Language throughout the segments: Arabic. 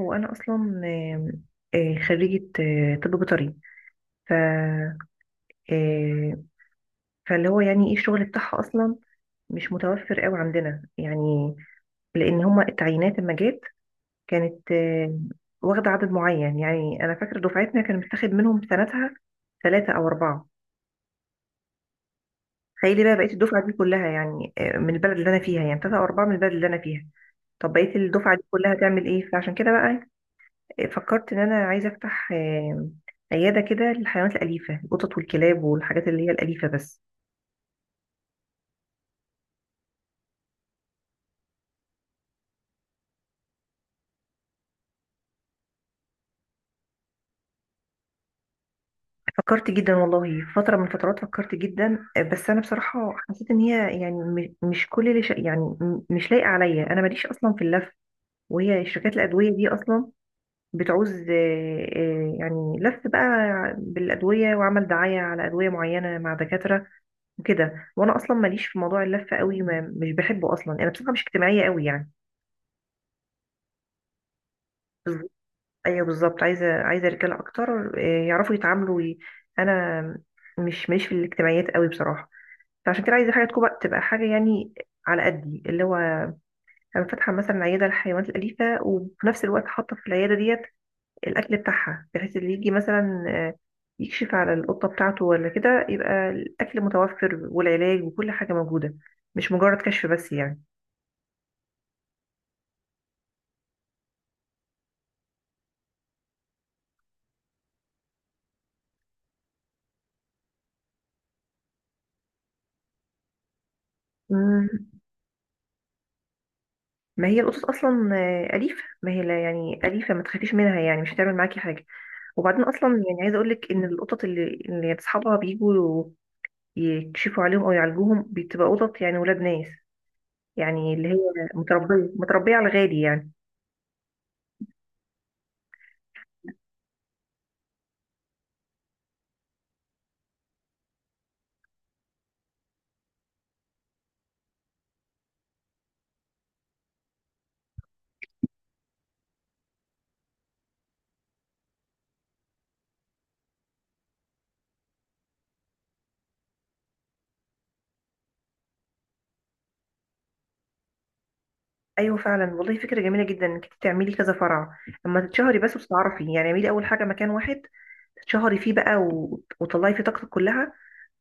هو أنا أصلا خريجة طب بيطري. ف آه، فاللي هو يعني ايه الشغل بتاعها أصلا مش متوفر قوي عندنا يعني، لأن هما التعيينات لما جت كانت واخدة عدد معين. يعني أنا فاكرة دفعتنا كان متاخد منهم سنتها 3 أو 4. تخيلي بقى بقيت الدفعة دي كلها يعني من البلد اللي أنا فيها، يعني 3 أو 4 من البلد اللي أنا فيها. طب بقيت الدفعة دي كلها تعمل إيه؟ فعشان كده بقى فكرت إن أنا عايزة أفتح عيادة كده للحيوانات الأليفة، القطط والكلاب والحاجات اللي هي الأليفة بس. فكرت جدا والله، فترة من الفترات فكرت جدا، بس أنا بصراحة حسيت إن هي يعني م- مش كل اللي ش... يعني م- مش لايقة عليا. أنا ماليش أصلا في اللف، وهي شركات الأدوية دي أصلا بتعوز يعني لف بقى بالأدوية وعمل دعاية على أدوية معينة مع دكاترة وكده. وأنا أصلا ماليش في موضوع اللف قوي، ما مش بحبه أصلا. أنا بصراحة مش اجتماعية قوي يعني. ايوه بالظبط، عايزه رجاله اكتر، يعرفوا يتعاملوا انا مش في الاجتماعيات قوي بصراحه. فعشان كده عايزه حاجه تبقى حاجه يعني على قدي. اللي هو انا فاتحه مثلا عياده للحيوانات الاليفه، وفي نفس الوقت حاطه في العياده ديت الاكل بتاعها، بحيث اللي يجي مثلا يكشف على القطه بتاعته ولا كده يبقى الاكل متوفر والعلاج وكل حاجه موجوده، مش مجرد كشف بس يعني. مم. ما هي القطط اصلا اليفه، ما هي لا يعني اليفه، ما تخافيش منها يعني مش هتعمل معاكي حاجه. وبعدين اصلا يعني عايزه اقول لك ان القطط اللي يعني اصحابها بيجوا يكشفوا عليهم او يعالجوهم، بتبقى قطط يعني ولاد ناس، يعني اللي هي متربيه على الغالي يعني. ايوه فعلا والله فكره جميله جدا انك إنتي تعملي كذا فرع، اما تتشهري بس وتتعرفي يعني. اعملي اول حاجه مكان واحد تتشهري فيه بقى وتطلعي فيه طاقتك كلها،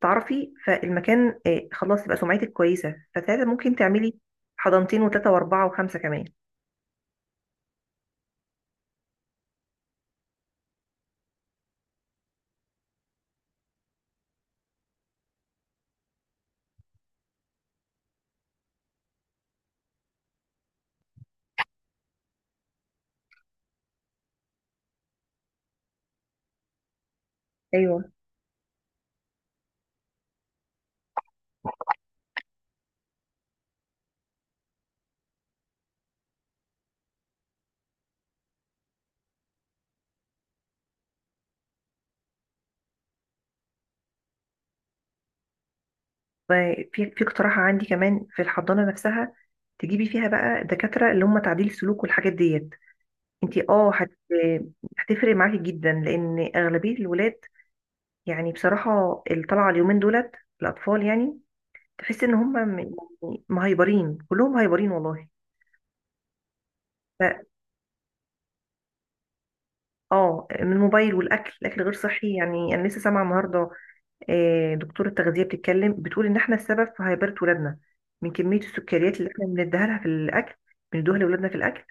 تعرفي فالمكان، خلاص يبقى سمعتك كويسه، فساعتها ممكن تعملي حضانتين وثلاثه واربعه وخمسه كمان. ايوه في في اقتراح عندي كمان في الحضانة نفسها، تجيبي فيها بقى دكاترة اللي هم تعديل سلوك والحاجات ديت. انت اه هت... هتفرق معاكي جدا لان اغلبية الولاد يعني بصراحة اللي طالعة اليومين دولت الاطفال يعني، تحس ان هم يعني مهيبرين، كلهم هايبرين والله. ف- اه من الموبايل والاكل. الاكل غير صحي يعني. انا لسه سامعه النهارده دكتور التغذيه بتتكلم، بتقول ان احنا السبب في هيبره ولادنا من كميه السكريات اللي احنا بنديها لها في الاكل، بندوها لاولادنا في الاكل.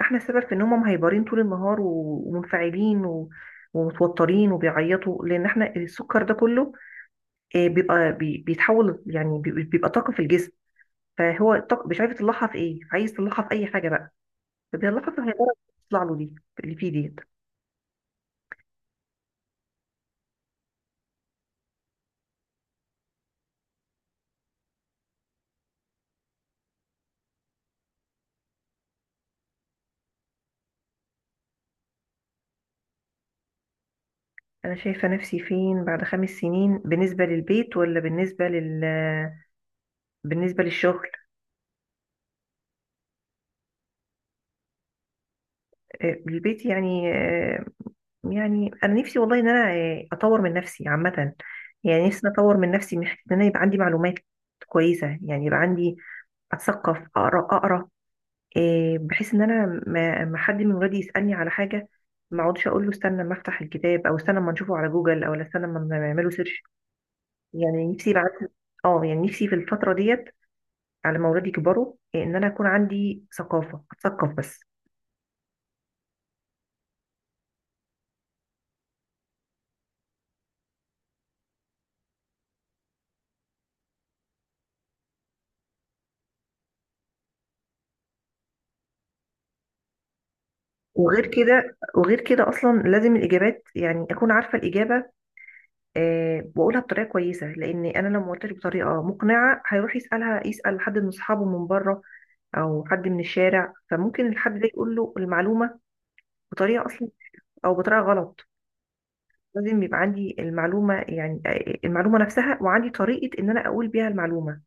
احنا السبب في ان هم مهيبرين طول النهار ومنفعلين ومتوترين وبيعيطوا، لان احنا السكر ده كله بيبقى بيتحول يعني بيبقى طاقه في الجسم. فهو الطاقه مش عارف يطلعها في ايه، عايز يطلعها في اي حاجه بقى فبيطلعها في الهيبره اللي بتطلع له دي، اللي فيه ديت. انا شايفه نفسي فين بعد 5 سنين، بالنسبه للبيت ولا بالنسبه لل بالنسبه للشغل؟ البيت يعني، يعني انا نفسي والله ان انا اطور من نفسي عامه. يعني نفسي اطور من نفسي من حته ان انا يبقى عندي معلومات كويسه، يعني يبقى عندي، اتثقف، اقرا بحيث ان انا ما حد من ولادي يسالني على حاجه، ما اقعدش اقول له استنى اما افتح الكتاب، او استنى اما نشوفه على جوجل، او استنى اما نعمله سيرش. يعني نفسي يبقى عندي، اه يعني نفسي في الفتره ديت على ما ولادي يكبروا ان انا يكون عندي ثقافه، اتثقف بس. وغير كده، وغير كده اصلا لازم الاجابات يعني اكون عارفه الاجابه. أه، واقولها بطريقه كويسه، لان انا لو ما قلتش بطريقه مقنعه هيروح يسالها، يسال حد من اصحابه من بره، او حد من الشارع، فممكن الحد ده يقول له المعلومه بطريقه اصلا، او بطريقه غلط. لازم يبقى عندي المعلومه، يعني المعلومه نفسها، وعندي طريقه ان انا اقول بيها المعلومه.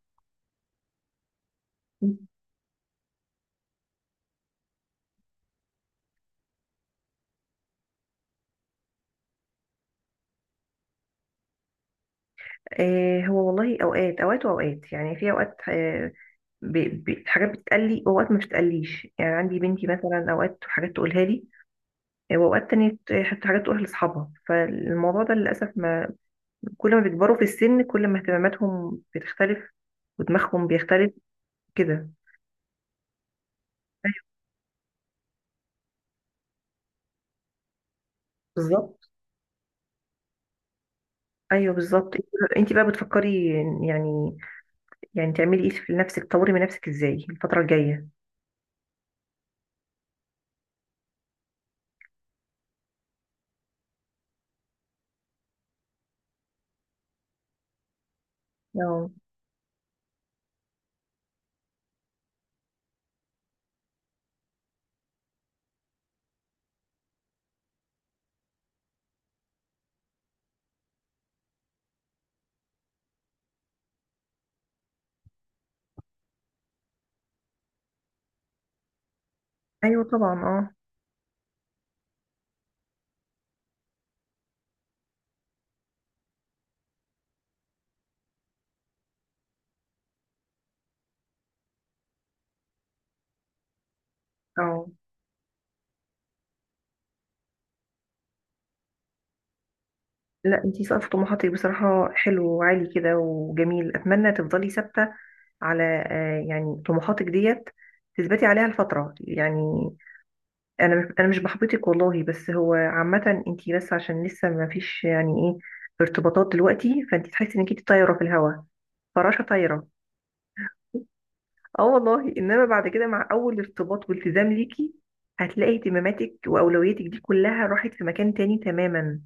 آه، هو والله اوقات اوقات واوقات يعني، في اوقات ب... حاجات بتتقلي، واوقات ما بتتقليش. يعني عندي بنتي مثلا اوقات حاجات تقولها لي، واوقات تانية حتى حاجات تقولها لاصحابها. فالموضوع ده للاسف ما، كل ما بيكبروا في السن كل ما اهتماماتهم بتختلف ودماغهم بيختلف كده. بالظبط، ايوه بالظبط. انت بقى بتفكري يعني، يعني تعملي ايه في نفسك؟ تطوري من نفسك ازاي الفتره الجايه؟ اه، ايوه طبعا، اه، اه. لا انت سقف طموحاتك بصراحه حلو وعالي كده وجميل. اتمنى تفضلي ثابته على يعني طموحاتك ديت، تثبتي عليها الفتره يعني. انا مش بحبطك والله، بس هو عامه انت بس عشان لسه ما فيش يعني ايه ارتباطات دلوقتي، فانت تحسي انك انت طايره في الهواء، فراشه طايره. اه والله، انما بعد كده مع اول ارتباط والتزام ليكي هتلاقي اهتماماتك واولوياتك دي كلها راحت في مكان تاني تماما.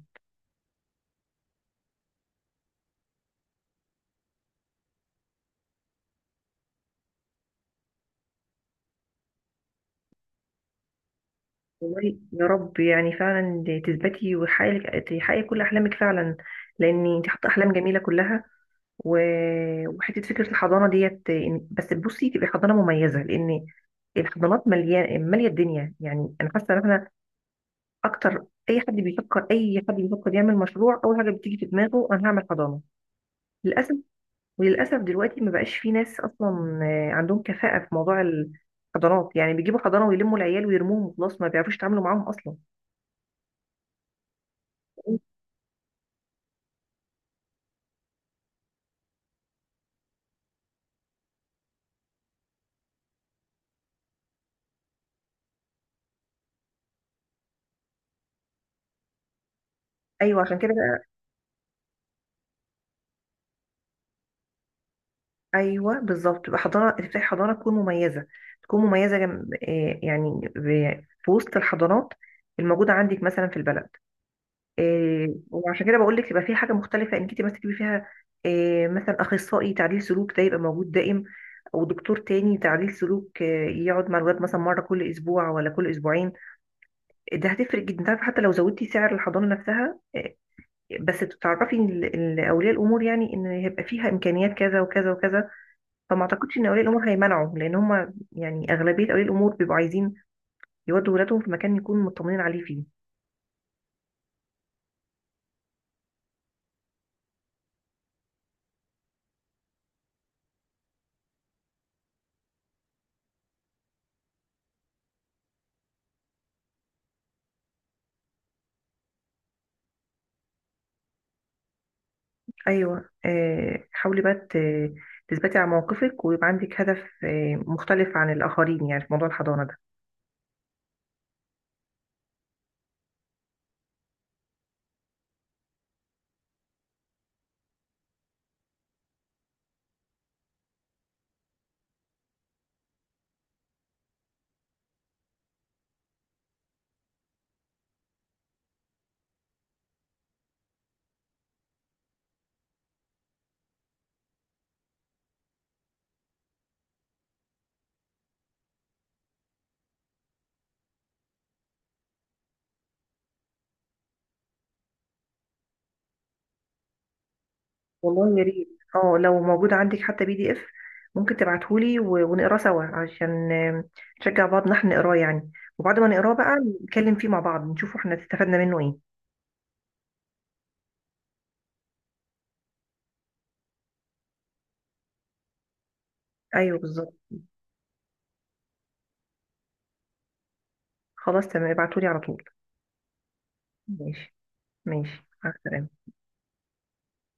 والله يا رب يعني فعلا تثبتي، وحقيقي تحققي كل احلامك فعلا، لان انت حاطه احلام جميله كلها. وحته فكره الحضانه ديت، بس بصي تبقى حضانه مميزه، لان الحضانات مليانه ماليه الدنيا يعني. انا حاسه ان احنا اكتر، اي حد بيفكر، اي حد بيفكر يعمل مشروع اول حاجه بتيجي في دماغه انا هعمل حضانه، للاسف. وللاسف دلوقتي ما بقاش في ناس اصلا عندهم كفاءه في موضوع الحضانات، يعني بيجيبوا حضانه ويلموا العيال ويرموهم وخلاص، ما بيعرفوش يتعاملوا معاهم اصلا. ايوه عشان كده. ايوه بالظبط، تبقى حضاره، تفتحي حضاره تكون مميزه، تكون مميزه جم... آه، يعني في وسط الحضارات الموجوده عندك مثلا في البلد. وعشان كده بقول لك يبقى في حاجه مختلفه، انك انت مثلا تجيبي فيها مثلا اخصائي تعديل سلوك ده يبقى موجود دائم، او دكتور تاني تعديل سلوك يقعد مع الولاد مثلا مره كل اسبوع ولا كل اسبوعين. ده هتفرق جدا، تعرف حتى لو زودتي سعر الحضانه نفسها بس تعرفي إن اولياء الامور، يعني ان هيبقى فيها امكانيات كذا وكذا وكذا، فما اعتقدش ان اولياء الامور هيمنعوا، لان هم يعني اغلبيه اولياء الامور بيبقوا عايزين يودوا ولادهم في مكان يكون مطمنين عليه فيه. ايوه، آه حاولي بقى تثبتي على موقفك، ويبقى عندك هدف آه مختلف عن الاخرين يعني في موضوع الحضانه ده. والله يا ريت، اه لو موجود عندك حتى PDF ممكن تبعتهولي ونقراه سوا، عشان نشجع بعض ان احنا نقراه يعني. وبعد ما نقراه بقى نتكلم فيه مع بعض، نشوف احنا استفدنا منه ايه. ايوه بالظبط. خلاص تمام، ابعتهولي على طول. ماشي، ماشي مع السلامه.